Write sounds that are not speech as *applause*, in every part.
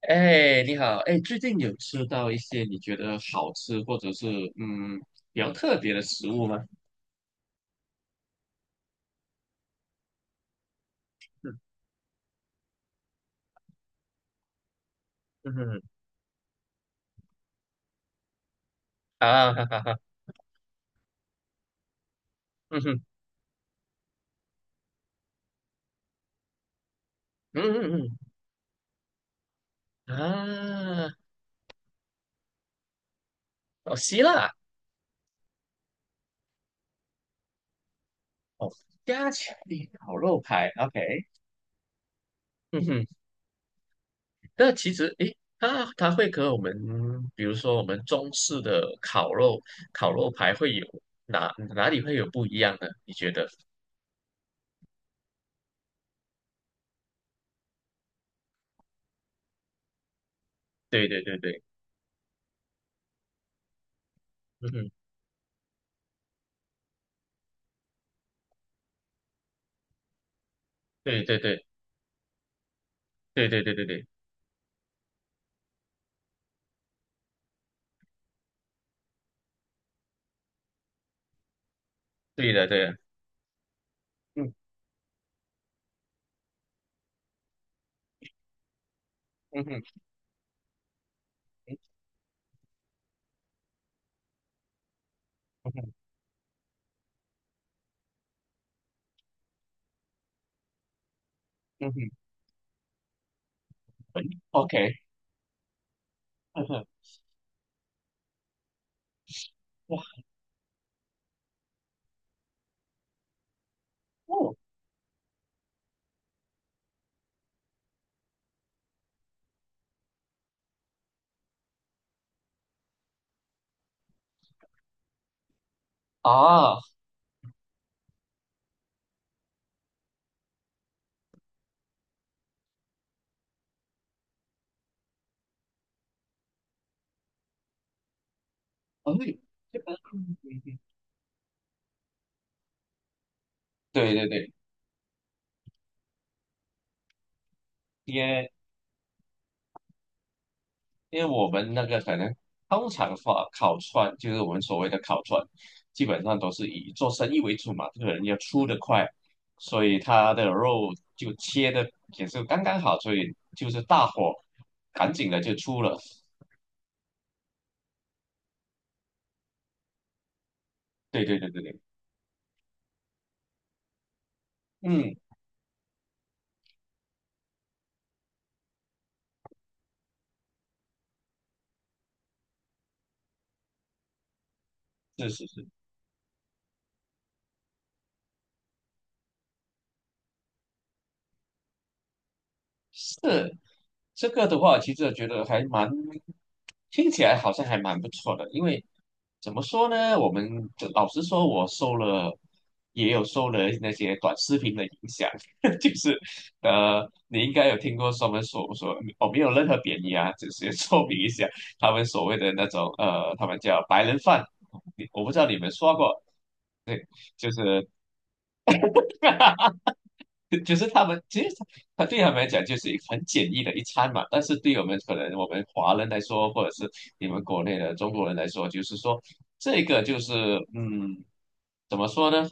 哎，你好，哎，最近有吃到一些你觉得好吃或者是嗯比较特别的食物吗？*laughs* 嗯，嗯哼，啊哈哈哈，嗯哼，嗯，嗯嗯，啊，哦，希腊，哦，加强力烤肉排，OK，嗯哼。那其实诶，它会和我们比如说我们中式的烤肉排会有哪里会有不一样呢？你觉得？对对对对，嗯哼，对对对对对对对对，对的对的，嗯，嗯哼。嗯哼，嗯哼，OK，嗯哼，哇，哦，啊，嗯，这个对对对。因为因为我们那个可能通常话烤串，就是我们所谓的烤串，基本上都是以做生意为主嘛，这个人要出得快，所以他的肉就切的也是刚刚好，所以就是大火赶紧的就出了。对对对对对，嗯，是是是。是这个的话，其实我觉得听起来好像还蛮不错的。因为怎么说呢，我们就老实说，我受了也有受了那些短视频的影响。*laughs* 就是你应该有听过他们所说，我没有任何贬义啊，只是说明一下他们所谓的那种他们叫白人饭，我不知道你们刷过，对，就是。 *laughs* 就是他们其实对他们来讲就是一个很简易的一餐嘛。但是对我们可能我们华人来说，或者是你们国内的中国人来说，就是说这个就是嗯，怎么说呢，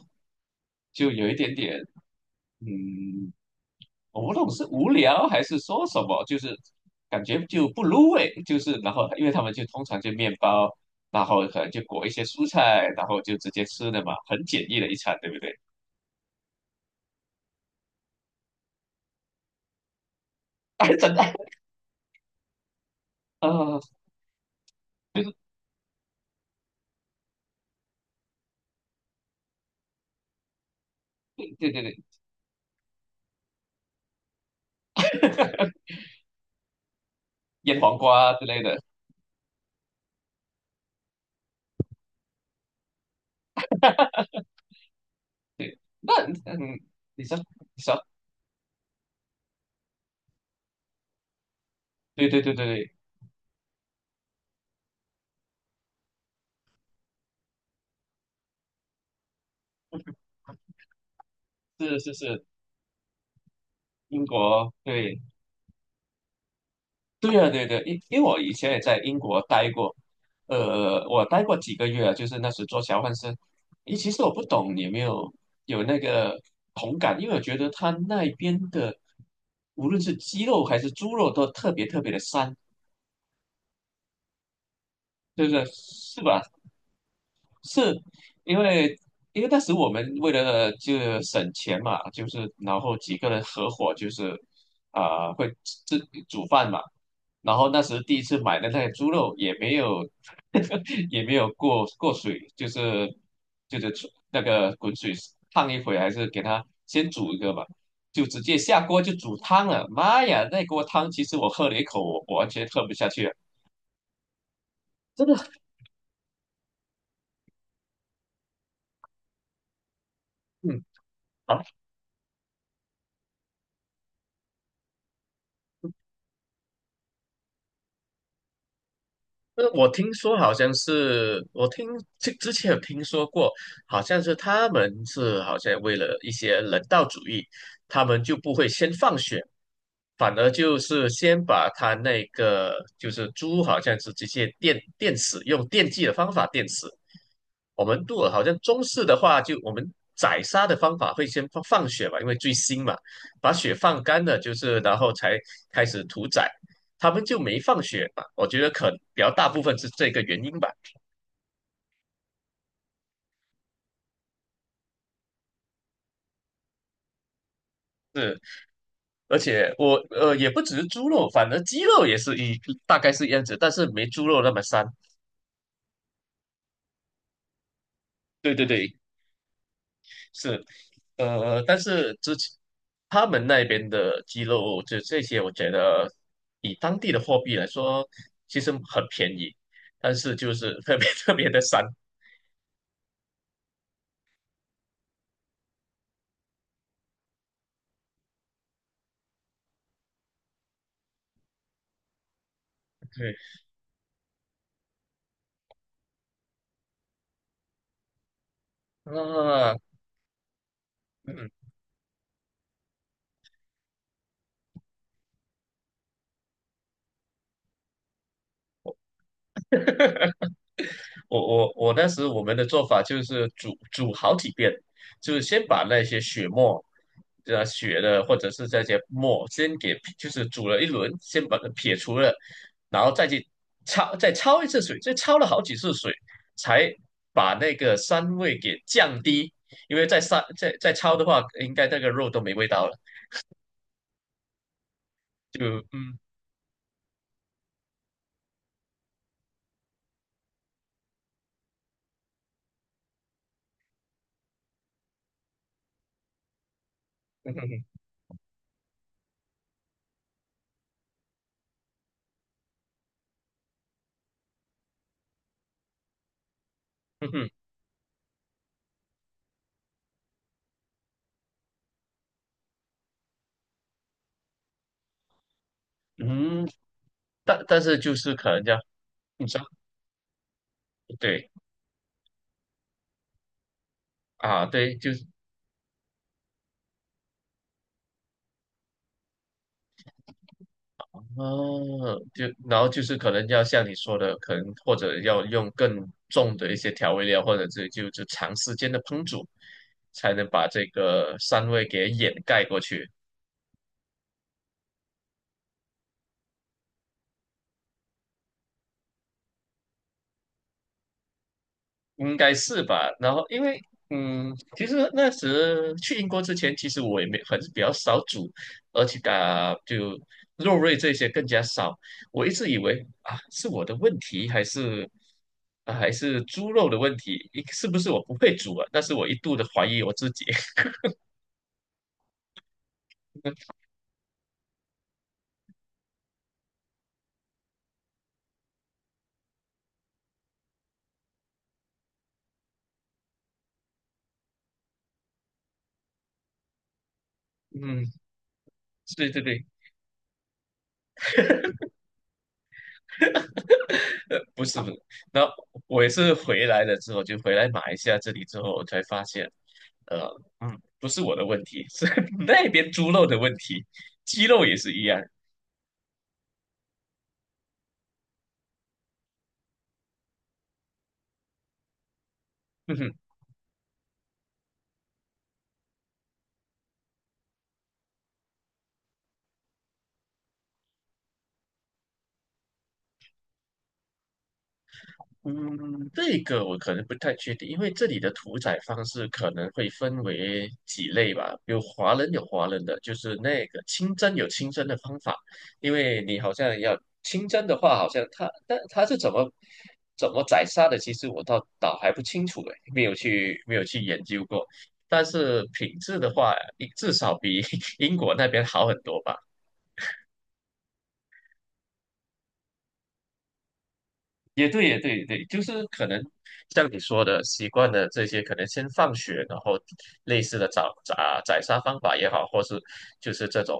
就有一点点。嗯，我不懂是无聊还是说什么，就是感觉就不入味，就是然后因为他们就通常就面包，然后可能就裹一些蔬菜，然后就直接吃的嘛，很简易的一餐，对不对？*laughs* 真的，呃，对对对对对，腌黄瓜之类的。那嗯，你说你说。对对对对对，是是是，英国对。对啊，对对，因为我以前也在英国待过，我待过几个月啊就是那时做交换生。咦，其实我不懂你有没有那个同感，因为我觉得他那边的无论是鸡肉还是猪肉都特别特别的膻，对不对？是吧？是。因为因为当时我们为了就省钱嘛，就是然后几个人合伙就是会自煮饭嘛。然后那时第一次买的那个猪肉也没有 *laughs* 也没有过过水，就是出那个滚水烫一会，还是给它先煮一个吧，就直接下锅就煮汤了。妈呀，那锅汤其实我喝了一口，我完全喝不下去了，真的，嗯。我听说好像是，之前有听说过，好像是他们是好像为了一些人道主义，他们就不会先放血，反而就是先把他那个就是猪，好像是直接电死，用电击的方法电死。我们如果好像中式的话，就我们宰杀的方法会先放血嘛，因为最新嘛，把血放干了，就是然后才开始屠宰。他们就没放血嘛，我觉得可比较大部分是这个原因吧。是，而且我也不只是猪肉，反而鸡肉也是大概是一样子，但是没猪肉那么膻。对对对，是，但是之前他们那边的鸡肉，就这些，我觉得以当地的货币来说，其实很便宜，但是就是特别 *laughs* 特别的膻。对，啊，嗯，我我当时我们的做法就是煮好几遍，就是先把那些血沫，血的或者是这些沫先给就是煮了一轮，先把它撇除了，然后再去焯一次水，再焯了好几次水，才把那个膻味给降低，因为再膻再再焯的话，应该那个肉都没味道了，就。嗯，嗯哼哼，嗯哼，嗯。但是就是可能这样，你知道，对。啊，对，就是哦，就然后就是可能要像你说的，可能或者要用更重的一些调味料，或者是就长时间的烹煮，才能把这个膻味给掩盖过去。应该是吧。然后因为其实那时去英国之前，其实我也没很比较少煮，而且啊，就肉类这些更加少。我一直以为啊，是我的问题还是？啊，还是猪肉的问题，是不是我不会煮啊？但是我一度的怀疑我自己。*laughs* 嗯，对对对，*laughs* 不是不是。那我也是回来了之后，就回来马来西亚这里之后，我才发现，呃，不是我的问题，是 *laughs* 那边猪肉的问题，鸡肉也是一样。*laughs* 嗯，这个我可能不太确定，因为这里的屠宰方式可能会分为几类吧。有华人有华人的，就是那个清蒸有清蒸的方法，因为你好像要清蒸的话，好像但它是怎么宰杀的，其实我倒还不清楚诶，没有去研究过。但是品质的话，至少比 *laughs* 英国那边好很多吧。也对，也对，也对，就是可能像你说的，习惯了这些，可能先放血，然后类似的宰杀方法也好，或是就是这种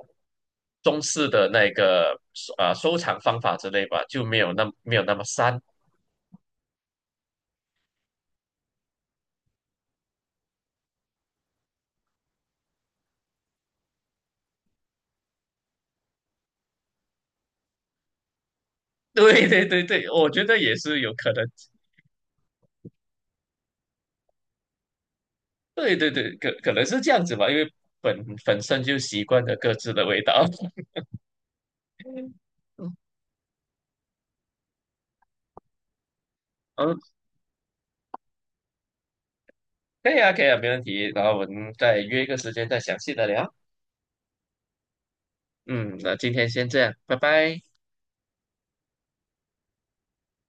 中式的收藏方法之类吧，就没有那么膻。*laughs* 对对对对，我觉得也是有可能。对对对，可能是这样子吧，因为本本身就习惯了各自的味道。*laughs* 嗯。嗯可以啊，可以啊，没问题。然后我们再约一个时间再详细的聊。嗯，那今天先这样，拜拜。